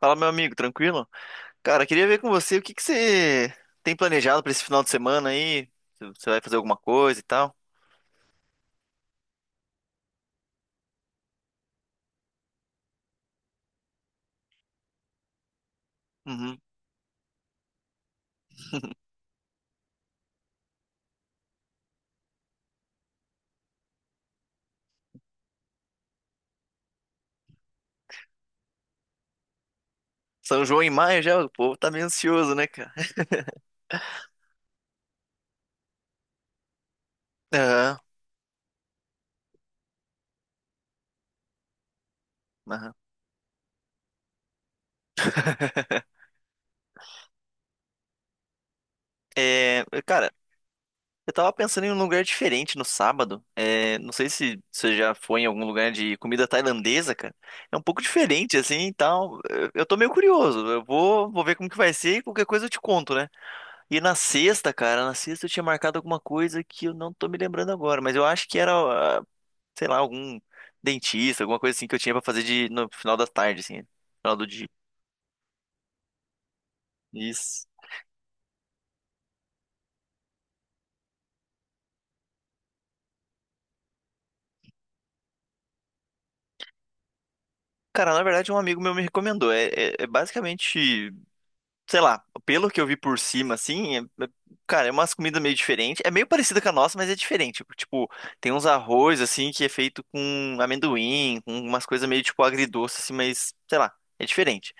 Fala, meu amigo, tranquilo? Cara, queria ver com você o que você tem planejado pra esse final de semana aí? Se você vai fazer alguma coisa e tal? Uhum. São João em maio já, o povo tá meio ansioso, né, cara? Aham, aham. É, cara, eu tava pensando em um lugar diferente no sábado. É, não sei se você já foi em algum lugar de comida tailandesa, cara. É um pouco diferente, assim, e tal. Eu tô meio curioso. Eu vou, vou ver como que vai ser e qualquer coisa eu te conto, né? E na sexta, cara, na sexta eu tinha marcado alguma coisa que eu não tô me lembrando agora, mas eu acho que era, ah, sei lá, algum dentista, alguma coisa assim que eu tinha pra fazer de, no final da tarde, assim, no final do dia. Isso. Cara, na verdade, um amigo meu me recomendou. É, é basicamente, sei lá, pelo que eu vi por cima, assim, cara, é umas comidas meio diferentes. É meio parecida com a nossa, mas é diferente. Tipo, tem uns arroz, assim, que é feito com amendoim, com umas coisas meio, tipo, agridoce, assim, mas, sei lá, é diferente.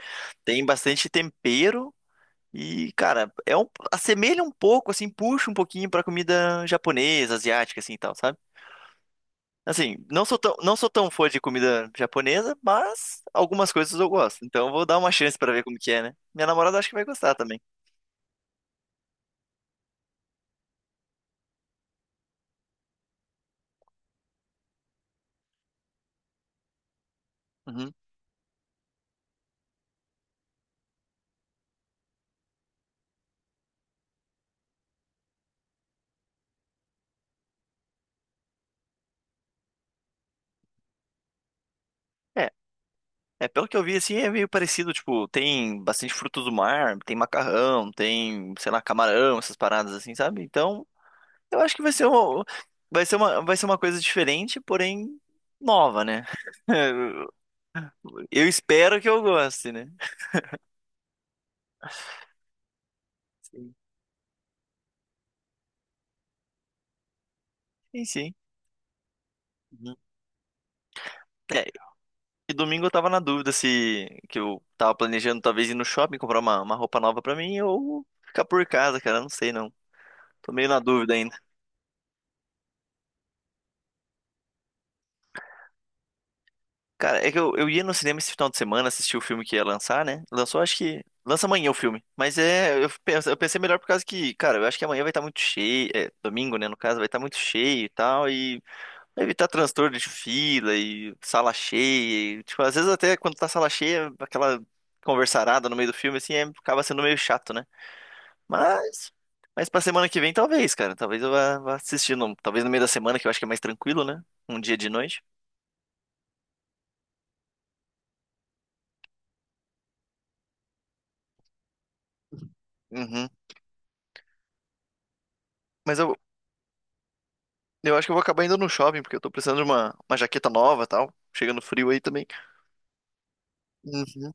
Tem bastante tempero. E, cara, é um, assemelha um pouco, assim, puxa um pouquinho pra comida japonesa, asiática, assim, e tal, sabe? Assim, não sou tão fã de comida japonesa, mas algumas coisas eu gosto. Então eu vou dar uma chance pra ver como que é, né? Minha namorada acho que vai gostar também. Uhum. É, é, pelo que eu vi, assim, é meio parecido, tipo, tem bastante frutos do mar, tem macarrão, tem, sei lá, camarão, essas paradas assim, sabe? Então, eu acho que vai ser uma, vai ser uma, vai ser uma coisa diferente, porém nova, né? Eu espero que eu goste, né? Sim. Sim, sim. Uhum. É, e domingo eu tava na dúvida se que eu tava planejando talvez ir no shopping comprar uma roupa nova pra mim ou ficar por casa, cara. Não sei não. Tô meio na dúvida ainda. Cara, é que eu ia no cinema esse final de semana assistir o filme que ia lançar, né? Lançou, acho que. Lança amanhã o filme. Mas é. Eu, eu pensei melhor por causa que, cara, eu acho que amanhã vai estar muito cheio. É, domingo, né? No caso, vai estar muito cheio e tal. E evitar transtorno de fila e sala cheia. E, tipo, às vezes até quando tá sala cheia, aquela conversarada no meio do filme, assim, acaba sendo meio chato, né? Mas, mas pra semana que vem, talvez, cara. Talvez eu vá assistindo. Talvez no meio da semana, que eu acho que é mais tranquilo, né? Um dia de noite. Uhum. Mas eu acho que eu vou acabar indo no shopping, porque eu tô precisando de uma jaqueta nova e tal. Chegando frio aí também. Uhum,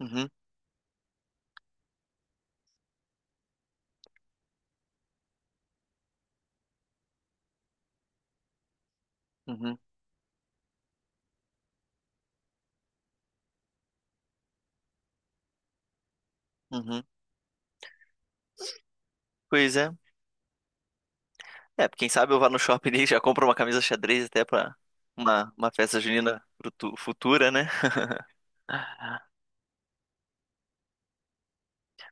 uhum, uhum, uhum. Pois é. É, quem sabe eu vá no shopping e já compro uma camisa xadrez até pra uma festa junina futura, né?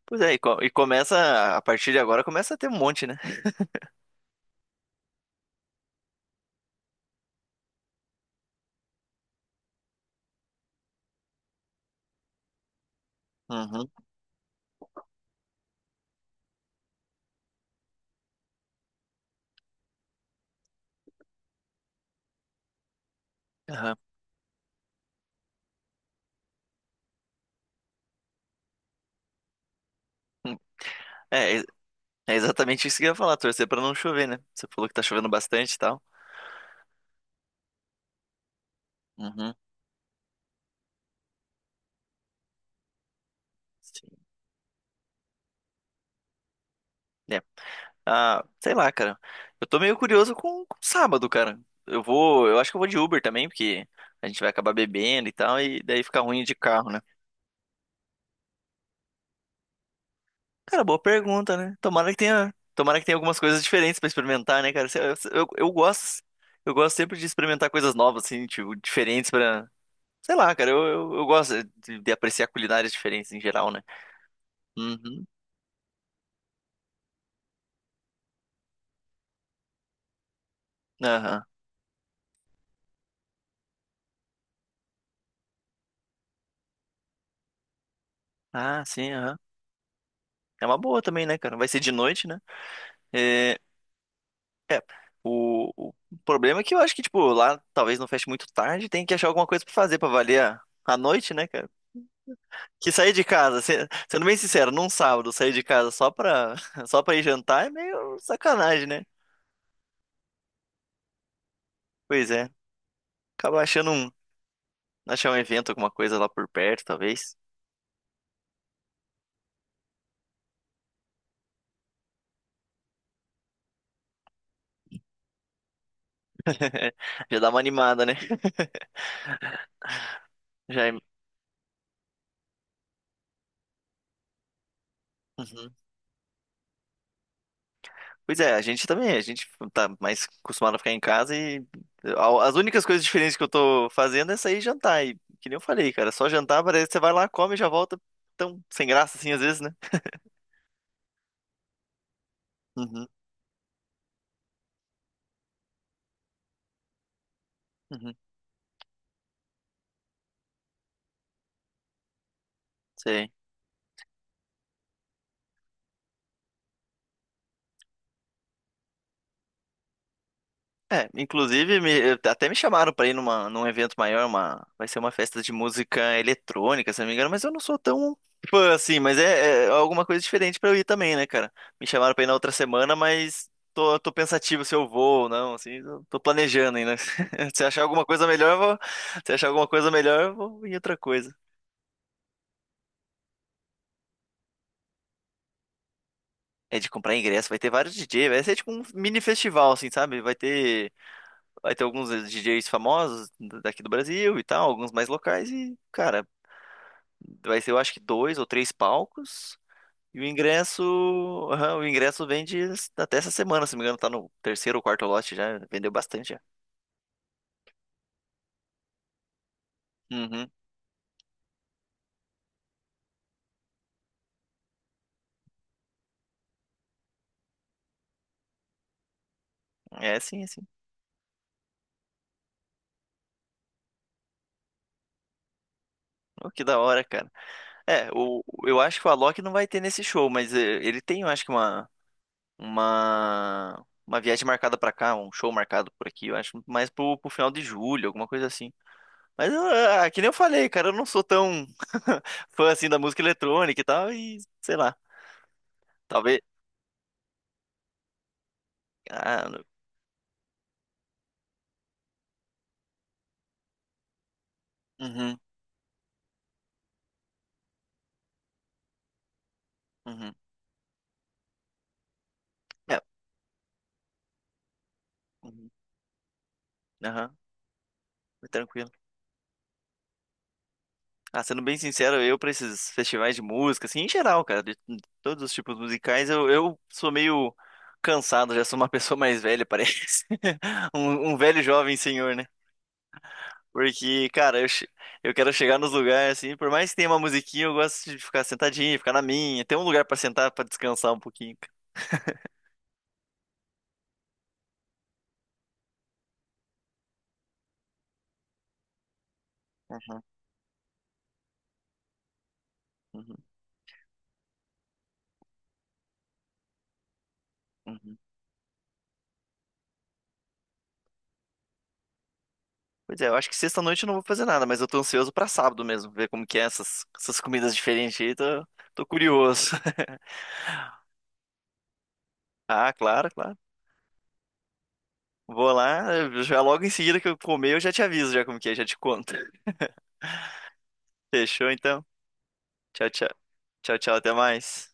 Pois é, e, e começa, a partir de agora, começa a ter um monte, né? Uhum, aham. É, é exatamente isso que eu ia falar, torcer pra não chover, né? Você falou que tá chovendo bastante e tal. Uhum, sim. É. Ah, sei lá, cara. Eu tô meio curioso com sábado, cara. Eu vou, eu acho que eu vou de Uber também, porque a gente vai acabar bebendo e tal, e daí fica ruim de carro, né? Cara, boa pergunta, né? Tomara que tenha algumas coisas diferentes pra experimentar, né, cara? Eu, eu gosto, eu gosto sempre de experimentar coisas novas, assim, tipo, diferentes pra. Sei lá, cara, eu gosto de apreciar culinárias diferentes em geral, né? Uhum, aham. Ah, sim, aham. É uma boa também, né, cara? Vai ser de noite, né? É, é. O problema é que eu acho que, tipo, lá talvez não feche muito tarde, tem que achar alguma coisa pra fazer pra valer a noite, né, cara? Que sair de casa, sendo bem sincero, num sábado sair de casa só pra ir jantar é meio sacanagem, né? Pois é. Acaba achar um evento, alguma coisa lá por perto, talvez. Já dá uma animada, né? Já é... Uhum. Pois é, a gente tá mais acostumado a ficar em casa e as únicas coisas diferentes que eu tô fazendo é sair e jantar. E que nem eu falei, cara, só jantar parece que você vai lá, come e já volta tão sem graça assim às vezes, né? Uhum, uhum, sei. É, inclusive, até me chamaram pra ir numa, num evento maior, uma, vai ser uma festa de música eletrônica, se não me engano, mas eu não sou tão fã assim, mas é, é alguma coisa diferente pra eu ir também, né, cara? Me chamaram pra ir na outra semana, mas tô pensativo se eu vou ou não, assim, tô planejando ainda. Se achar alguma coisa melhor, eu vou, se achar alguma coisa melhor, eu vou em outra coisa. É de comprar ingresso, vai ter vários DJ, vai ser tipo um mini festival, assim, sabe? Vai ter alguns DJs famosos daqui do Brasil e tal, alguns mais locais e, cara. Vai ser, eu acho que dois ou três palcos. E o ingresso, aham, o ingresso vende até essa semana, se não me engano, tá no terceiro ou quarto lote já, vendeu bastante já. Uhum. É, sim, é sim. Oh, que da hora, cara. É, o, eu acho que o Alok não vai ter nesse show, mas ele tem, eu acho que uma viagem marcada pra cá, um show marcado por aqui, eu acho mais pro final de julho, alguma coisa assim. Mas, eu, ah, que nem eu falei, cara, eu não sou tão fã assim da música eletrônica e tal, e sei lá. Talvez. Ah, uhum, uhum. É, uhum, aham, foi tranquilo. Ah, sendo bem sincero, eu pra esses festivais de música, assim, em geral, cara, de todos os tipos musicais, eu sou meio cansado, já sou uma pessoa mais velha, parece. Um velho jovem senhor, né? Porque, cara, eu quero chegar nos lugares, assim, por mais que tenha uma musiquinha, eu gosto de ficar sentadinho, ficar na minha, ter um lugar pra sentar, pra descansar um pouquinho, cara. Uhum, uhum, uhum. Pois é, eu acho que sexta-noite eu não vou fazer nada, mas eu tô ansioso pra sábado mesmo, ver como que é essas comidas diferentes aí, tô, tô curioso. Ah, claro, claro. Vou lá, eu já logo em seguida que eu comer, eu já te aviso já como que é, já te conto. Fechou então? Tchau, tchau. Tchau, tchau, até mais.